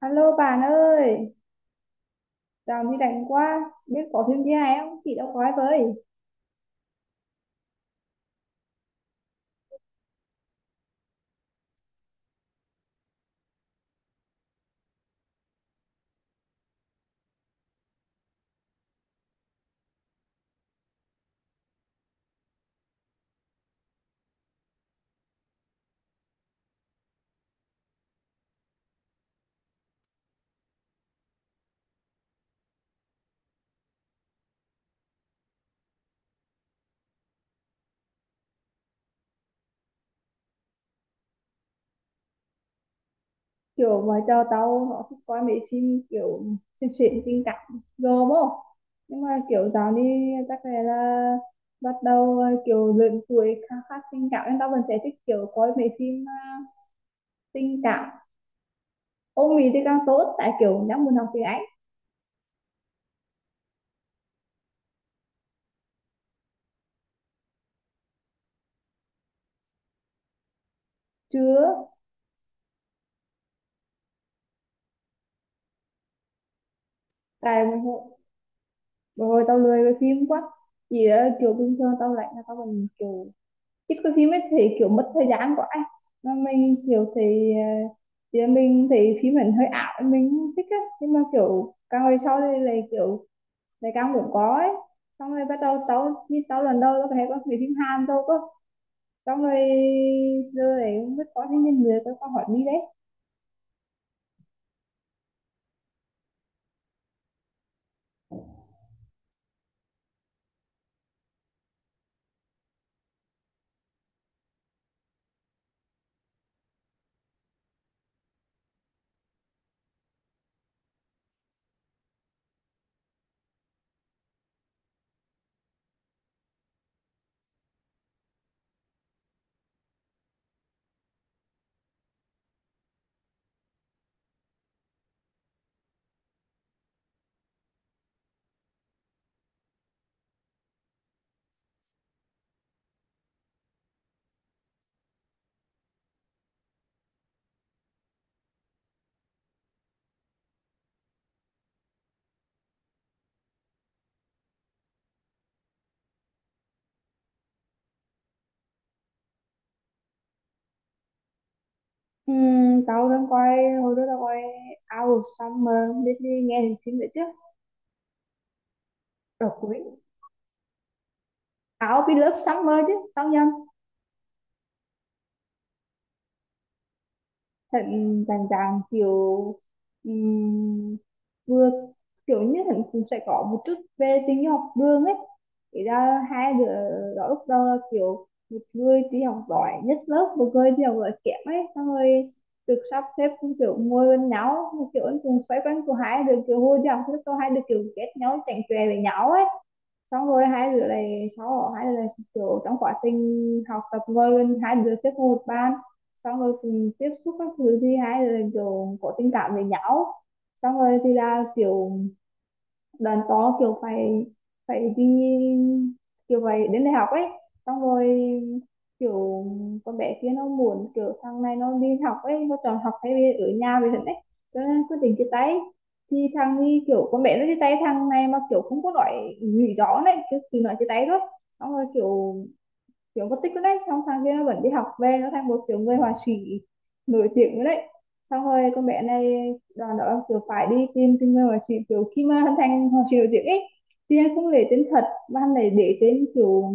Alo bạn ơi, chào này rảnh quá, biết có phim gì hay không? Chị đâu coi với. Kiểu mà cho tao nó thích coi mấy phim kiểu xuyên xuyên tình cảm rồi không? Nhưng mà kiểu dạo đi chắc là bắt đầu kiểu lớn tuổi khá khá tình cảm nên tao vẫn sẽ thích kiểu coi mấy phim tình cảm. Ông Mỹ thì càng tốt tại kiểu đang muốn học tiếng Anh. Chưa, tại hồi tao lười với phim quá. Chỉ là kiểu bình thường tao lạnh là tao vẫn kiểu chứ có phim ấy thì kiểu mất thời gian quá ấy. Mà mình kiểu thì mình thì phim mình hơi ảo mình không thích á, nhưng mà kiểu càng về sau đây là kiểu lại càng muốn có ấy. Xong rồi bắt đầu tao như tao lần đầu tao thấy có mấy phim Hàn thôi cơ, xong rồi giờ này không biết có cái nhân người tao có hỏi đi đấy. Tao đang coi hồi đó tao coi Out of Summer, biết đi nghe thì phim đấy chứ, rồi cuối Out of Love Summer chứ tao nhầm. Thận rành ràng kiểu, ừm, vừa kiểu như thận cũng sẽ có một chút về tình học đường ấy, thì ra hai đứa đó lúc đầu là kiểu một người đi học giỏi nhất lớp, một người đi học giỏi kém ấy, xong rồi được sắp xếp cũng kiểu ngồi gần nhau, kiểu cũng xoay quanh của hai đứa, kiểu hồi nhau lúc đó hai đứa kiểu ghét nhau, chẳng chè với nhau ấy. Xong rồi hai đứa này sau hai đứa này kiểu trong quá trình học tập ngồi bên hai đứa xếp vào một ban, xong rồi cùng tiếp xúc các thứ thì hai đứa này kiểu có tình cảm với nhau. Xong rồi thì là kiểu đàn có kiểu phải phải đi, kiểu phải đến đại học ấy. Xong rồi kiểu con bé kia nó muốn kiểu thằng này nó đi học ấy, nó chọn học thay vì ở nhà về thật ấy, cho nên quyết định chia tay. Thì thằng đi kiểu con bé nó chia tay thằng này mà kiểu không có nói lý rõ này, cứ chỉ nói chia tay thôi. Xong rồi kiểu kiểu mất tích luôn đấy, xong thằng kia nó vẫn đi học về, nó thành một kiểu người họa sĩ nổi tiếng luôn đấy. Xong rồi con bé này đoàn đó kiểu phải đi tìm tìm người họa sĩ, kiểu khi mà hắn thành họa sĩ nổi tiếng ấy thì hắn không lấy tên thật mà hắn lại để tên kiểu,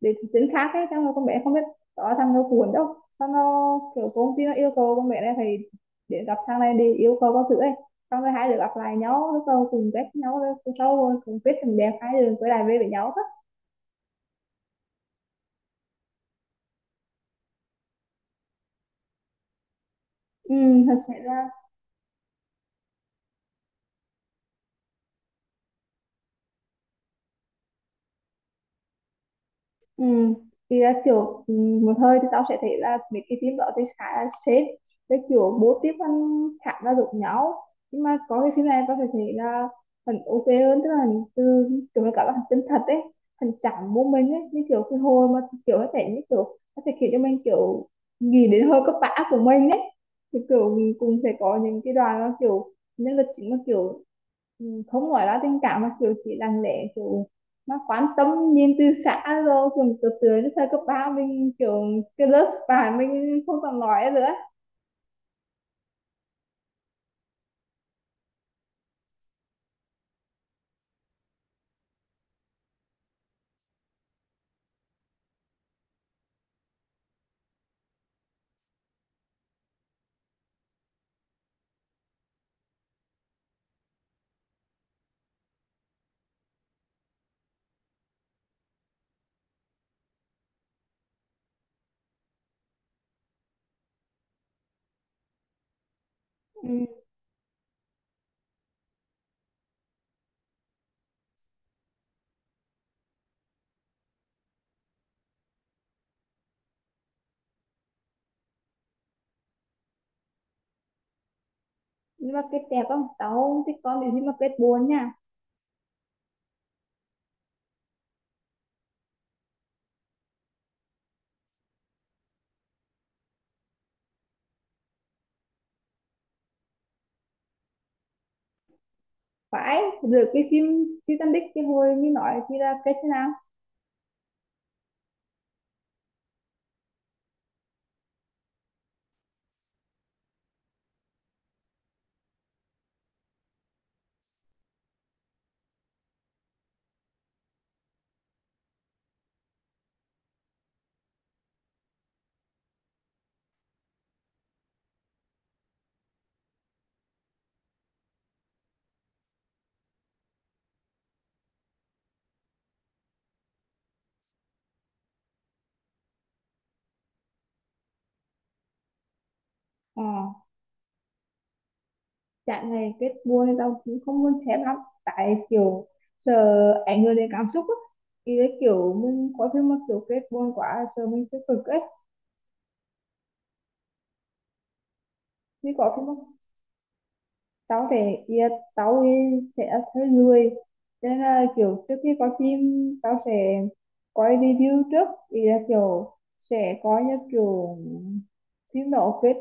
để tên khác ấy, xong rồi con bé không biết đó thằng nó cuốn đâu, xong nó kiểu công ty nó yêu cầu con bé này phải để gặp thằng này để yêu cầu các thứ ấy. Xong rồi hai đứa gặp lại nhau, lúc đầu cùng ghét nhau, rồi sau rồi cùng biết tình đẹp, hai đứa quay lại về với nhau hết. Ừ, thật sự là. Ừ. Thì là kiểu ừ, một hơi thì tao sẽ thấy là mấy cái phim đó thì khá là sến, với kiểu bố tiếp ăn khá là giống nhau, nhưng mà có cái phim này tao phải thấy là phần ok hơn, tức là hình từ kiểu là cả là phần chân thật ấy, phần chẳng bố mình ấy, như kiểu cái hồi mà kiểu nó sẽ như kiểu nó sẽ khiến cho mình kiểu nghĩ đến hơi cấp bã của mình ấy. Thì kiểu mình cũng sẽ có những cái đoàn nó kiểu nhân vật chính mà kiểu ừ, không nói là tình cảm mà kiểu chỉ lặng lẽ kiểu nó quan tâm nhìn từ xã, rồi cùng từ từ đến thời cấp ba mình kiểu cái lớp bạn mình không còn nói nữa. Ừ. Nhưng mà kết đẹp không, tao không thích con nếu như mà kết buồn nha. Phải được cái phim Titanic cái hồi mình nói thì là kết thế nào? ờ Trạng này kết buồn thì tao cũng không muốn xem lắm, tại kiểu sợ ảnh hưởng đến cảm xúc á, thì cái kiểu mình có phim mà kiểu kết buồn quá sợ mình sẽ cực ấy. Thì có phim mà tao sẽ yeah, tao ấy sẽ thấy người. Cho nên là kiểu trước khi coi phim tao sẽ coi review trước, thì là kiểu sẽ coi như kiểu phim đó kết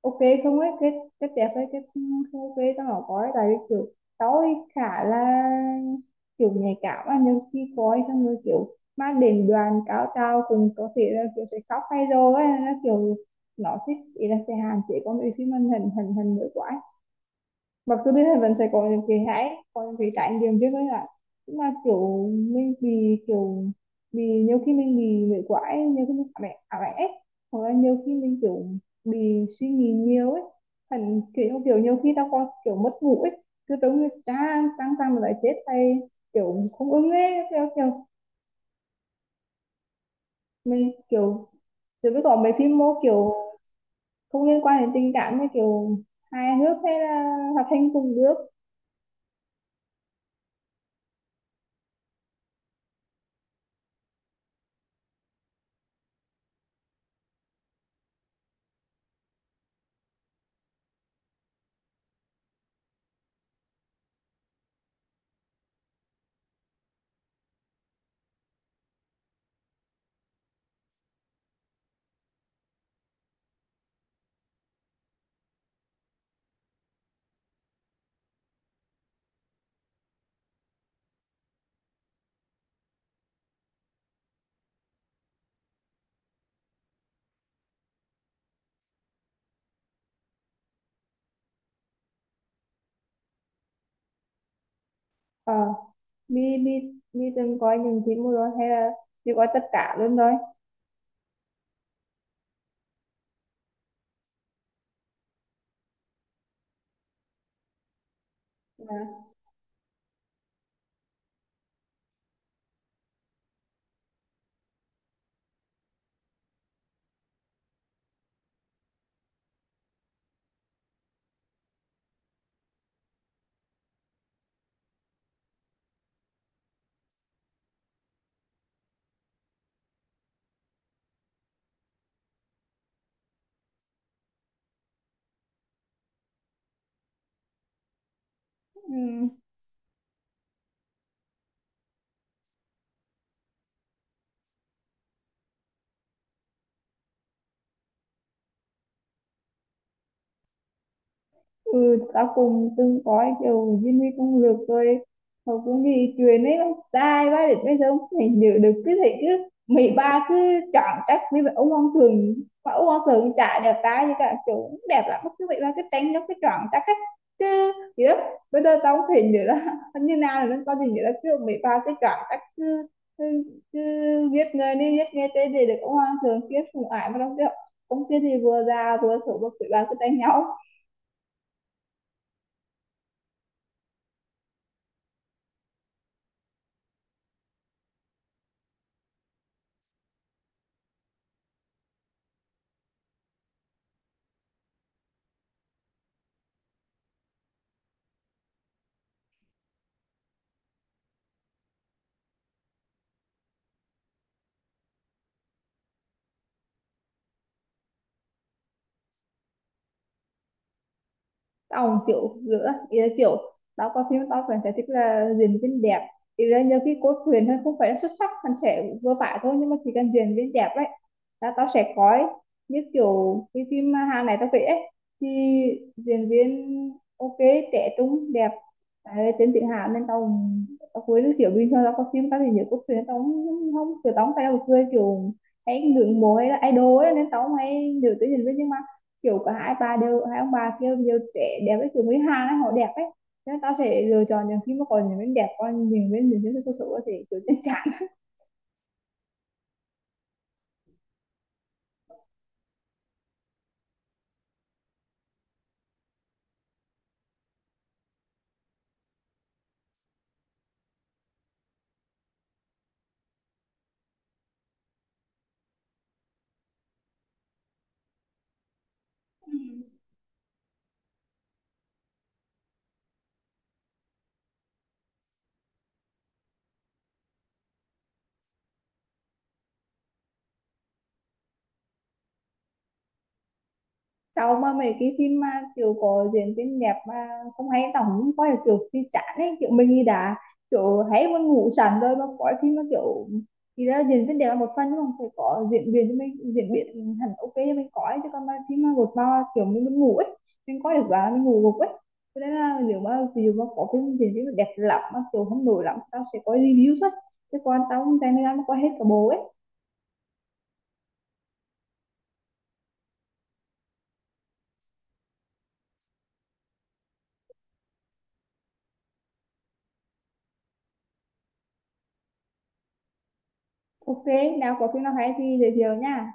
ok không ấy, kết kết đẹp hay kết không ok tao không coi, tại vì kiểu tao ấy khá là kiểu nhạy cảm á. Nhưng khi coi xong rồi kiểu mang đến đoàn cao trào cùng có thể là kiểu sẽ khóc hay rồi ấy, nó kiểu nó thích ý là sẽ hạn chế con bị phim mình hình hình hình nữa quá, mặc dù biết là vẫn sẽ có những cái hãi, có những cái trải nghiệm chứ với lại. Nhưng mà kiểu mình bị kiểu bị, nhiều khi mình bị nguội quá, nhiều khi mình ảo ảnh ấy, hoặc là nhiều khi mình kiểu bị suy nghĩ nhiều ấy, thành kiểu kiểu nhiều khi tao còn kiểu mất ngủ ấy, cứ tưởng như cha tăng tăng mà lại chết hay kiểu không ưng ấy, theo kiểu mình kiểu. Rồi mới có mấy phim mô kiểu không liên quan đến tình cảm, như kiểu hài hước hay là hoạt hình cùng nước. Mi mi mi từng coi những phim rồi hay là chỉ coi tất cả luôn thôi? À, ừ. Ừ, tao cũng từng coi kiểu Jimmy công lược rồi, hầu cũng bị chuyện ấy bác sai bác, để bây giờ không thể nhớ được, cứ thấy cứ mấy ba cứ chọn chắc với vậy ông hoàng thường, mà ông hoàng thường chả đẹp trai, như cả kiểu cũng đẹp lắm, cứ vậy ba cứ tránh giống cái chọn chắc ấy, chứ gì đó bây giờ tao không thể nhớ là như nào nữa, tao chỉ nhớ là kiểu mấy ba cứ chọn chắc, cứ, cứ giết người đi giết người tê, để được ông hoàng thường kiếp cùng ải mà đâu, kiểu ông kia thì vừa già vừa xấu mà quỷ ba cứ đánh nhau. Ông kiểu giữa ý là kiểu tao coi phim tao vẫn thấy thích là diễn viên đẹp, ý là nhiều khi cốt truyện thôi không phải là xuất sắc, hắn sẽ vừa phải thôi, nhưng mà chỉ cần diễn viên đẹp ấy là tao sẽ coi, như kiểu cái phim Hàn này tao kể ấy, thì diễn viên ok, trẻ trung đẹp. Đấy, tên tự hào nên tao tao cuối được kiểu bình thường, tao coi phim tao thì nhiều cốt truyện tao không không kiểu, tao không phải là một người kiểu hay ngưỡng mộ hay là idol ấy, nên tao không hay nhớ tới diễn viên, nhưng kiểu cả hai ba đều, hai ông bà kia đều trẻ đẹp ấy, kiểu người Hàn ấy họ đẹp ấy, thế nên tao sẽ lựa chọn những phim mà còn những bên đẹp, còn những bên những cái số số thì kiểu chân chạc. Ừ. Sau mà mấy cái phim mà kiểu có diễn viên đẹp mà không hay tao cũng coi được, kiểu phim chán ấy kiểu mình đi đã, kiểu hay muốn ngủ sẵn rồi mà có phim mà kiểu, thì ra diễn viên đẹp là một phần, nhưng mà phải có diễn viên cho mình, diễn viên hẳn ok cho mình coi, chứ còn mà phim mà gột bao kiểu mình muốn ngủ ấy, mình coi được và mình ngủ gục ấy. Cho nên là nếu mà ví dụ mà có phim diễn viên mà đẹp lắm mà kiểu không nổi lắm, tao sẽ coi review thôi, chứ còn tao không dành thời gian mà coi hết cả bộ ấy. Ok, nào có phim nào hay thì giới thiệu nha.